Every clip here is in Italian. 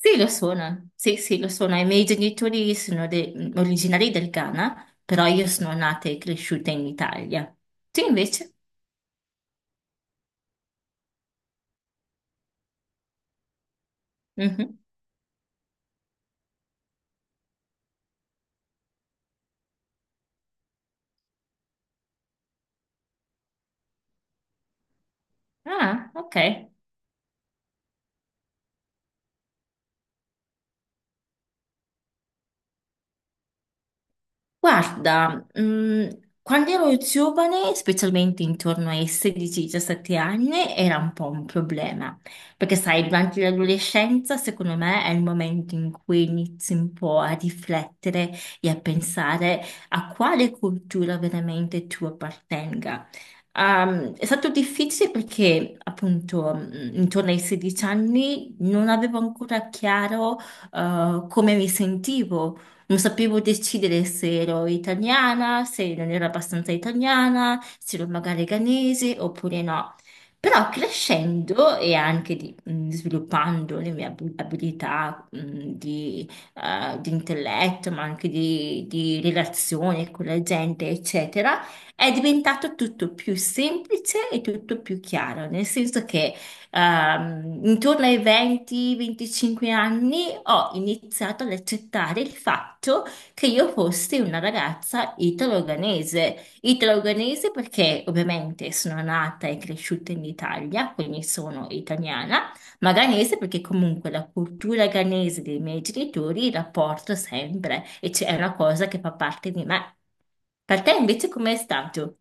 Sì, lo sono, sì, sì, lo sono. I miei genitori sono originari del Ghana, però io sono nata e cresciuta in Italia. Tu invece? Mhm. Ah, ok. Guarda, quando ero giovane, specialmente intorno ai 16-17 anni, era un po' un problema, perché sai, durante l'adolescenza, secondo me, è il momento in cui inizi un po' a riflettere e a pensare a quale cultura veramente tu appartenga. È stato difficile perché appunto intorno ai 16 anni non avevo ancora chiaro come mi sentivo. Non sapevo decidere se ero italiana, se non ero abbastanza italiana, se ero magari ghanese oppure no. Però crescendo e anche sviluppando le mie abilità di, di intelletto, ma anche di relazione con la gente, eccetera, è diventato tutto più semplice e tutto più chiaro, nel senso che intorno ai 20-25 anni ho iniziato ad accettare il fatto che io fossi una ragazza italo-organese. Italo-organese perché ovviamente sono nata e cresciuta in Italia, quindi sono italiana, ma ghanese perché comunque la cultura ghanese dei miei genitori la porto sempre e c'è una cosa che fa parte di me. Per te invece com'è stato?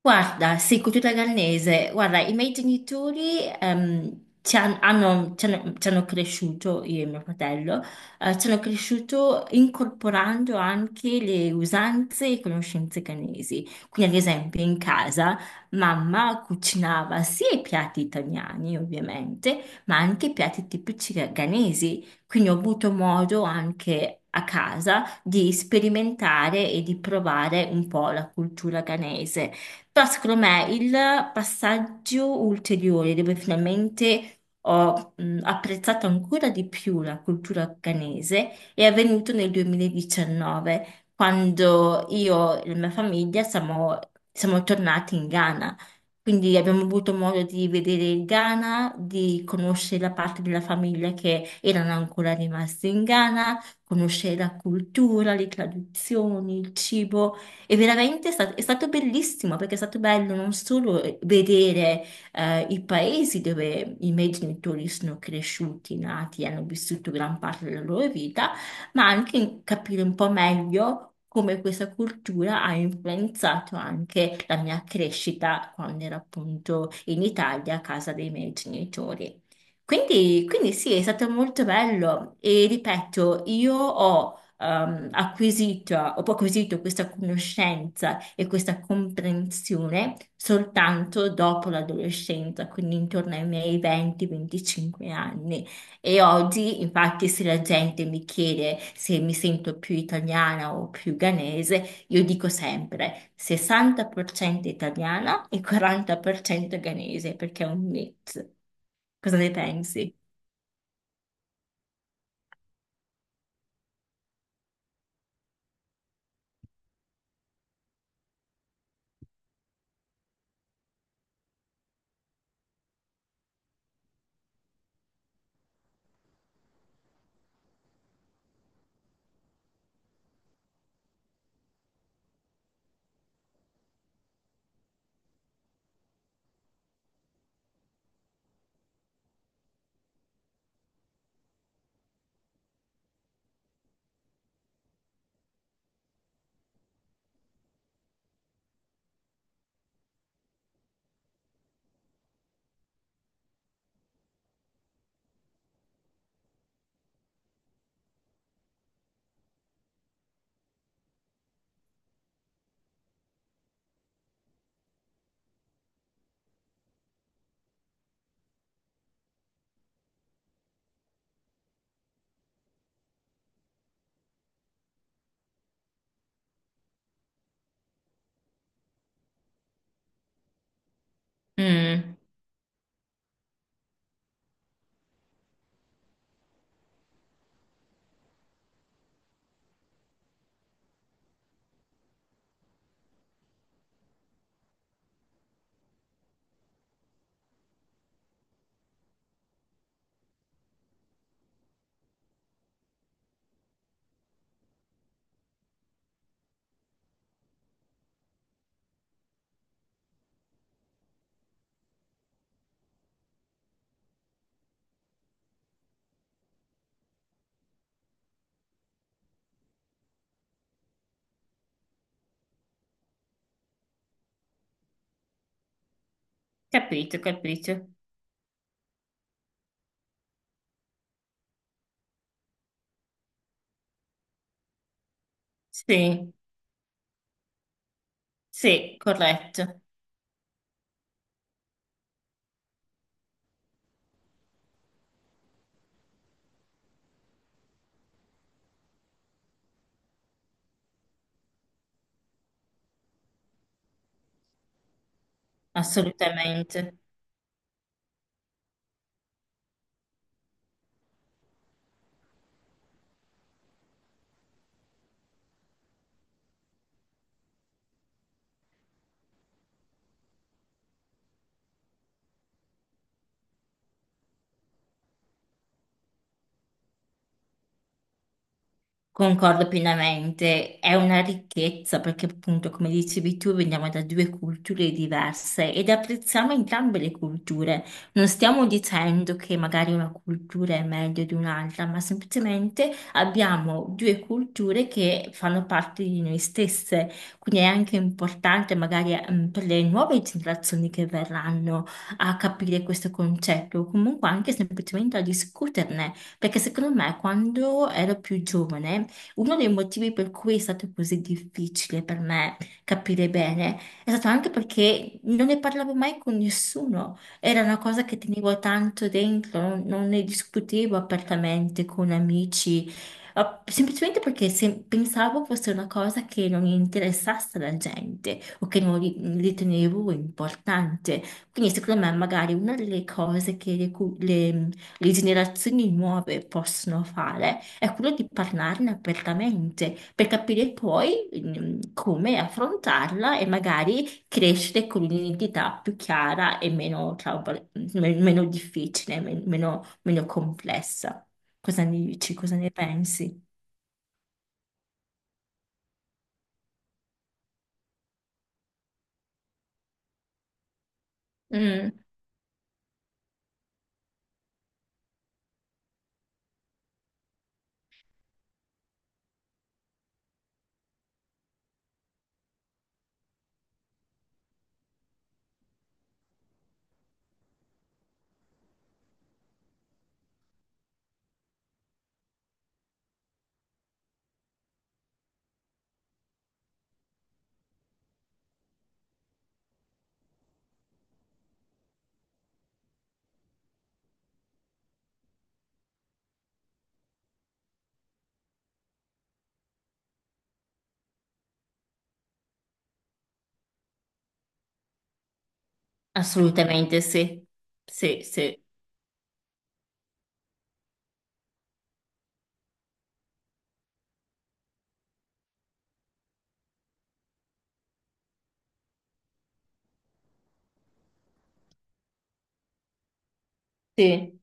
Guarda, sì, cultura gallese. Guarda, i miei genitori ci han- hanno, ci hanno- ci hanno cresciuto, io e mio fratello, ci hanno cresciuto incorporando anche le usanze e conoscenze ghanesi. Quindi, ad esempio, in casa mamma cucinava sia i piatti italiani, ovviamente, ma anche i piatti tipici ghanesi. Quindi ho avuto modo anche a casa di sperimentare e di provare un po' la cultura ghanese. Però secondo me il passaggio ulteriore dove finalmente ho apprezzato ancora di più la cultura afghanese è avvenuto nel 2019, quando io e la mia famiglia siamo tornati in Ghana. Quindi abbiamo avuto modo di vedere il Ghana, di conoscere la parte della famiglia che erano ancora rimasti in Ghana, conoscere la cultura, le tradizioni, il cibo. E veramente è stato bellissimo perché è stato bello non solo vedere i paesi dove i miei genitori sono cresciuti, nati, hanno vissuto gran parte della loro vita, ma anche capire un po' meglio come questa cultura ha influenzato anche la mia crescita quando ero appunto in Italia a casa dei miei genitori. Quindi, quindi sì, è stato molto bello e ripeto, io ho ho acquisito questa conoscenza e questa comprensione soltanto dopo l'adolescenza, quindi intorno ai miei 20-25 anni. E oggi, infatti, se la gente mi chiede se mi sento più italiana o più ghanese, io dico sempre 60% italiana e 40% ghanese, perché è un mix. Cosa ne pensi? Mm, capito, capito. Sì. Sì, corretto, assolutamente. Concordo pienamente, è una ricchezza perché appunto, come dicevi tu, veniamo da due culture diverse ed apprezziamo entrambe le culture. Non stiamo dicendo che magari una cultura è meglio di un'altra, ma semplicemente abbiamo due culture che fanno parte di noi stesse. Quindi è anche importante magari per le nuove generazioni che verranno a capire questo concetto, o comunque anche semplicemente a discuterne. Perché secondo me quando ero più giovane uno dei motivi per cui è stato così difficile per me capire bene è stato anche perché non ne parlavo mai con nessuno. Era una cosa che tenevo tanto dentro, non ne discutevo apertamente con amici, semplicemente perché pensavo fosse una cosa che non interessasse la gente o che non ritenevo importante. Quindi secondo me magari una delle cose che le, cu- le generazioni nuove possono fare è quello di parlarne apertamente per capire poi come affrontarla e magari crescere con un'identità più chiara e meno difficile, meno complessa. Cosa ne dici? Cosa ne pensi? Mm, assolutamente sì. Sì, sì, sì.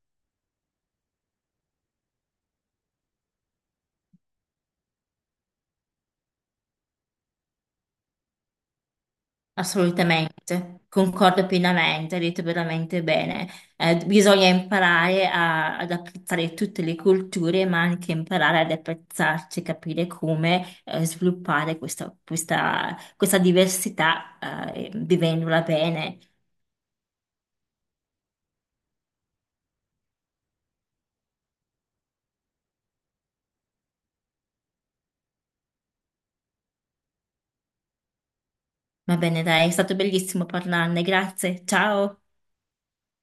Assolutamente, concordo pienamente, hai detto veramente bene. Bisogna imparare ad apprezzare tutte le culture, ma anche imparare ad apprezzarci, capire come sviluppare questa, questa diversità vivendola bene. Va bene, dai, è stato bellissimo parlarne, grazie, ciao.